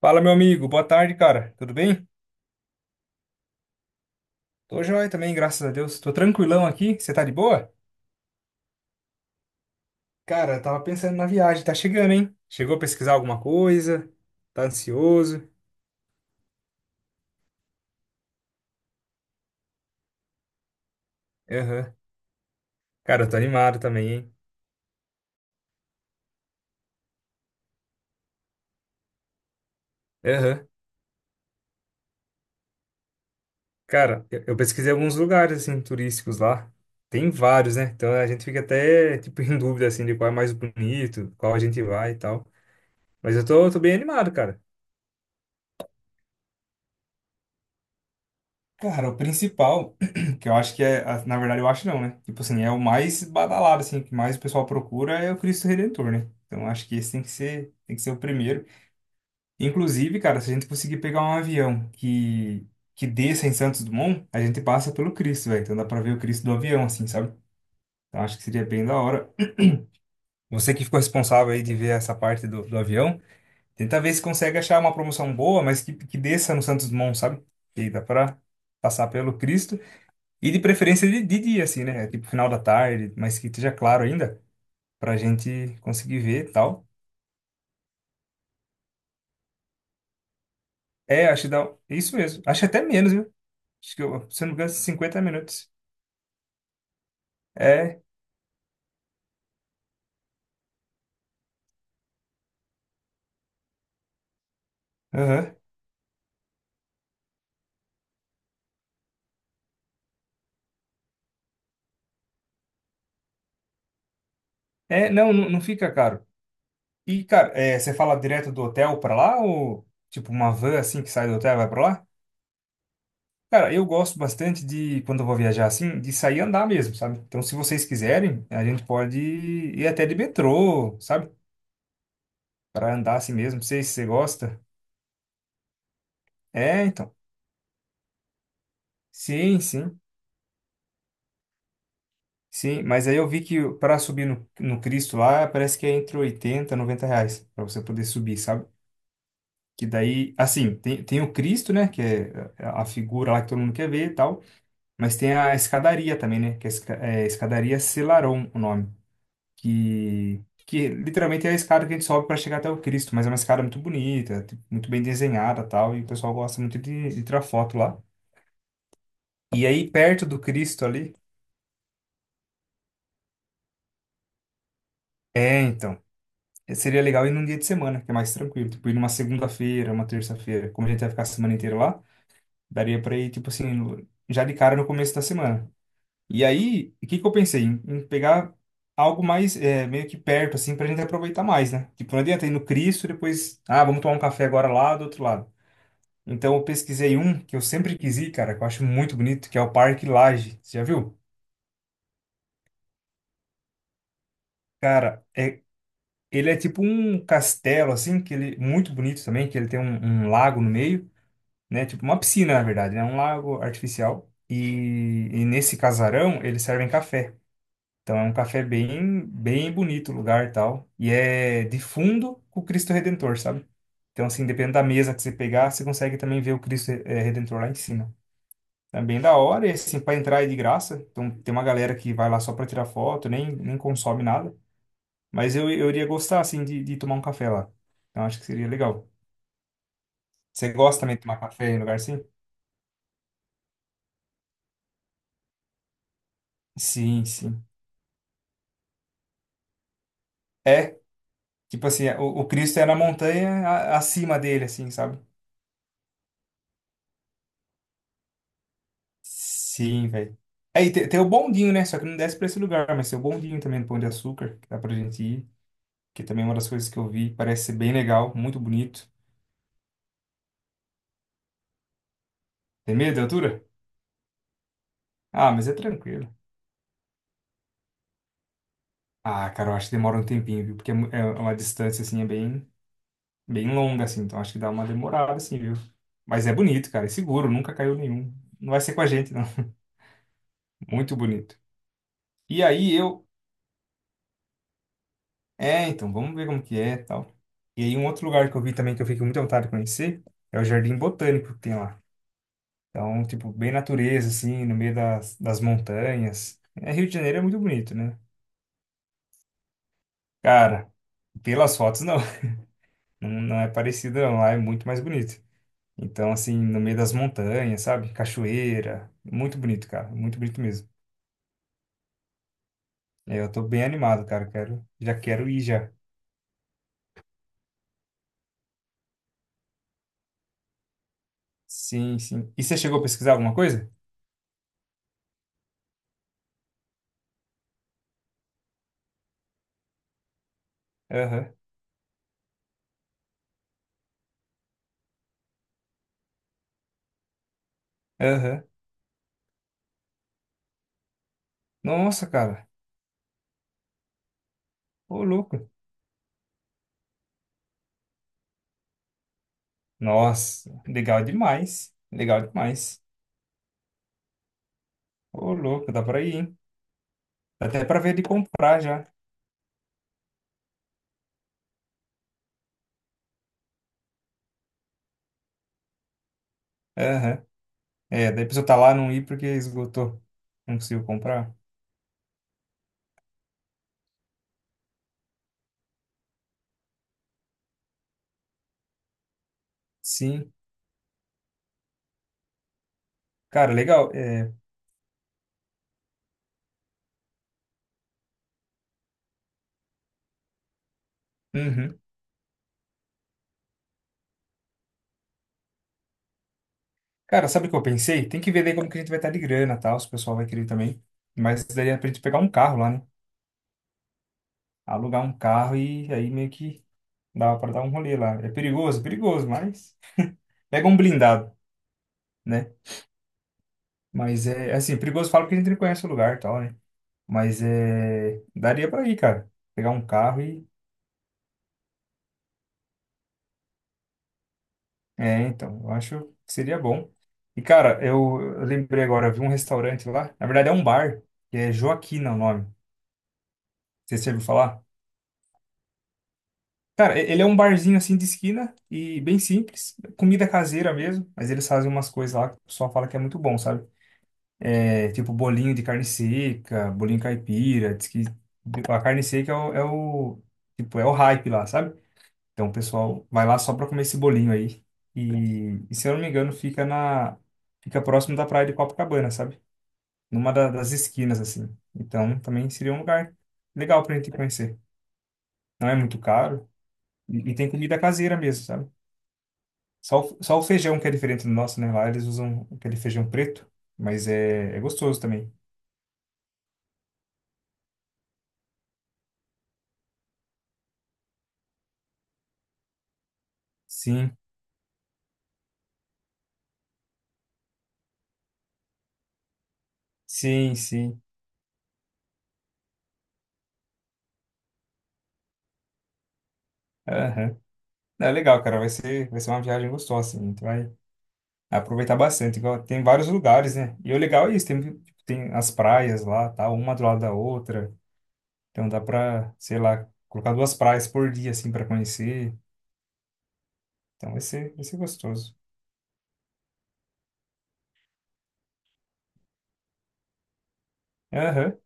Fala, meu amigo. Boa tarde, cara. Tudo bem? Tô joia também, graças a Deus. Tô tranquilão aqui. Você tá de boa? Cara, eu tava pensando na viagem. Tá chegando, hein? Chegou a pesquisar alguma coisa? Tá ansioso? Aham. Cara, eu tô animado também, hein? Aham. Cara, eu pesquisei alguns lugares, assim, turísticos lá. Tem vários, né? Então a gente fica até, tipo, em dúvida, assim, de qual é mais bonito, qual a gente vai e tal. Mas eu tô bem animado, cara. Cara, o principal, que eu acho que é, na verdade eu acho não, né? Tipo assim, é o mais badalado, assim, o que mais o pessoal procura é o Cristo Redentor, né? Então acho que esse tem que ser o primeiro. Inclusive, cara, se a gente conseguir pegar um avião que desça em Santos Dumont, a gente passa pelo Cristo, velho. Então dá pra ver o Cristo do avião, assim, sabe? Então acho que seria bem da hora. Você que ficou responsável aí de ver essa parte do avião, tenta ver se consegue achar uma promoção boa, mas que desça no Santos Dumont, sabe? Que dá pra passar pelo Cristo. E de preferência de dia, assim, né? Tipo, final da tarde, mas que esteja claro ainda, pra gente conseguir ver e tal. É, acho que dá. Isso mesmo. Acho que até menos, viu? Acho que, se eu não me engano, 50 minutos. É, aham. É, não fica caro. E, cara, é, você fala direto do hotel pra lá ou, tipo, uma van, assim, que sai do hotel e vai pra lá? Cara, eu gosto bastante de, quando eu vou viajar assim, de sair e andar mesmo, sabe? Então, se vocês quiserem, a gente pode ir até de metrô, sabe? Pra andar assim mesmo. Não sei se você gosta. É, então. Sim, sim, sim. Mas aí eu vi que para subir no Cristo lá, parece que é entre 80 e 90 reais para você poder subir, sabe? Que daí, assim, tem o Cristo, né? Que é a figura lá que todo mundo quer ver e tal. Mas tem a escadaria também, né? Que é, é escadaria Celaron, o nome. Que literalmente é a escada que a gente sobe para chegar até o Cristo. Mas é uma escada muito bonita, tipo, muito bem desenhada e tal. E o pessoal gosta muito de tirar foto lá. E aí, perto do Cristo ali. É, então. Seria legal ir num dia de semana, que é mais tranquilo. Tipo, ir numa segunda-feira, uma terça-feira. Como a gente vai ficar a semana inteira lá, daria pra ir, tipo assim, já de cara no começo da semana. E aí, o que que eu pensei? Em pegar algo mais, é, meio que perto, assim, pra gente aproveitar mais, né? Tipo, não adianta ir no Cristo e depois, ah, vamos tomar um café agora lá do outro lado. Então, eu pesquisei um que eu sempre quis ir, cara, que eu acho muito bonito, que é o Parque Lage. Você já viu? Cara, é, ele é tipo um castelo, assim, que ele, muito bonito também, que ele tem um lago no meio. Né? Tipo uma piscina, na verdade, né? Um lago artificial. E nesse casarão eles servem café. Então é um café bem bonito o lugar e tal. E é de fundo com o Cristo Redentor, sabe? Então, assim, dependendo da mesa que você pegar, você consegue também ver o Cristo Redentor lá em cima. Também da hora, e assim, para entrar é de graça. Então, tem uma galera que vai lá só para tirar foto, nem consome nada. Mas eu iria gostar, assim, de tomar um café lá. Então, acho que seria legal. Você gosta também de tomar café em lugar assim? Sim, sim. É, tipo assim, o Cristo é na montanha acima dele, assim, sabe? Sim, velho. Aí tem o bondinho, né? Só que não desce pra esse lugar, mas tem o bondinho também do Pão de Açúcar, que dá pra gente ir, que também é uma das coisas que eu vi, parece ser bem legal, muito bonito. Tem medo da altura? Ah, mas é tranquilo. Ah, cara, eu acho que demora um tempinho, viu? Porque é, é uma distância, assim, é bem, bem longa, assim, então acho que dá uma demorada, assim, viu? Mas é bonito, cara, é seguro, nunca caiu nenhum. Não vai ser com a gente, não. Muito bonito. E aí eu É, então, vamos ver como que é e tal. E aí, um outro lugar que eu vi também que eu fiquei com muita vontade de conhecer é o Jardim Botânico que tem lá. Então, tipo, bem natureza, assim, no meio das montanhas. É, Rio de Janeiro é muito bonito, né? Cara, pelas fotos, não. Não é parecido, não. Lá é muito mais bonito. Então, assim, no meio das montanhas, sabe? Cachoeira. Muito bonito, cara. Muito bonito mesmo. É, eu tô bem animado, cara. Quero, já quero ir já. Sim, sim. E você chegou a pesquisar alguma coisa? Aham, aham. Nossa, cara. Ô, louco. Nossa, legal demais. Legal demais. Ô, louco, dá pra ir, hein? Dá até pra ver de comprar já. Aham. É, daí a pessoa tá lá, não ir porque esgotou. Não conseguiu comprar. Sim. Cara, legal. É, uhum. Cara, sabe o que eu pensei? Tem que ver daí como que a gente vai estar de grana, tal, se o pessoal vai querer também. Mas daí é pra gente pegar um carro lá, né? Alugar um carro e aí meio que dá pra dar um rolê lá. É perigoso, mas... Pega um blindado, né? Mas é, assim, perigoso falo porque a gente não conhece o lugar, tal, né? Mas é, daria para ir, cara. Pegar um carro e. É, então, eu acho que seria bom. E, cara, eu lembrei agora, eu vi um restaurante lá. Na verdade, é um bar, que é Joaquina o nome. Você já ouviu falar? Cara, ele é um barzinho assim de esquina e bem simples. Comida caseira mesmo, mas eles fazem umas coisas lá que o pessoal fala que é muito bom, sabe? É, tipo bolinho de carne seca, bolinho caipira. Diz que a carne seca tipo, é o hype lá, sabe? Então o pessoal vai lá só para comer esse bolinho aí. E se eu não me engano, fica próximo da praia de Copacabana, sabe? Numa das esquinas assim. Então também seria um lugar legal pra gente conhecer. Não é muito caro e tem comida caseira mesmo, sabe? Só o feijão que é diferente do nosso, né? Lá eles usam aquele feijão preto, mas é, é gostoso também. Sim, sim, sim. Aham. É legal, cara. Vai ser uma viagem gostosa, assim. A gente vai aproveitar bastante. Igual, tem vários lugares, né? E o legal é isso, tem, tipo, tem as praias lá, tá? Uma do lado da outra. Então dá pra, sei lá, colocar duas praias por dia, assim, pra conhecer. Então vai ser gostoso. Aham.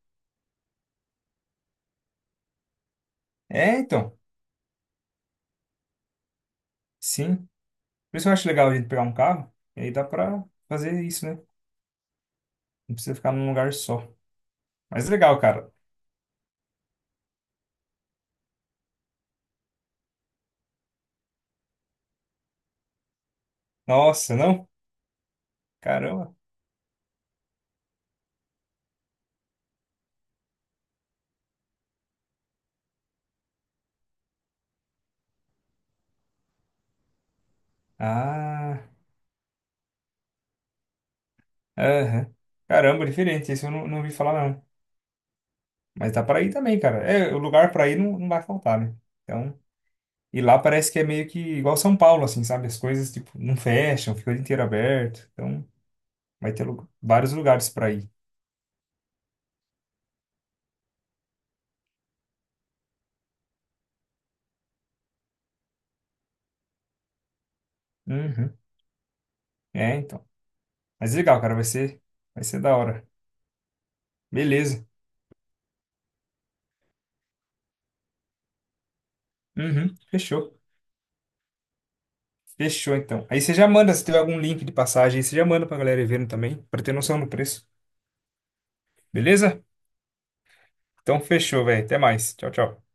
É, então, sim. Por isso que eu acho legal a gente pegar um carro, e aí dá pra fazer isso, né? Não precisa ficar num lugar só. Mas legal, cara. Nossa, não? Caramba. Ah, aham. Caramba, diferente. Esse eu não ouvi falar, não. Mas dá pra ir também, cara. É, o lugar pra ir não vai faltar, né? Então, e lá parece que é meio que igual São Paulo, assim, sabe? As coisas, tipo, não fecham, fica o dia inteiro aberto. Então, vai ter vários lugares para ir. Uhum. É, então. Mas legal, cara, vai ser da hora. Beleza. Uhum. Fechou. Fechou, então. Aí você já manda, se tiver algum link de passagem, aí você já manda pra galera ir vendo também, pra ter noção do preço. Beleza? Então, fechou, velho. Até mais. Tchau, tchau.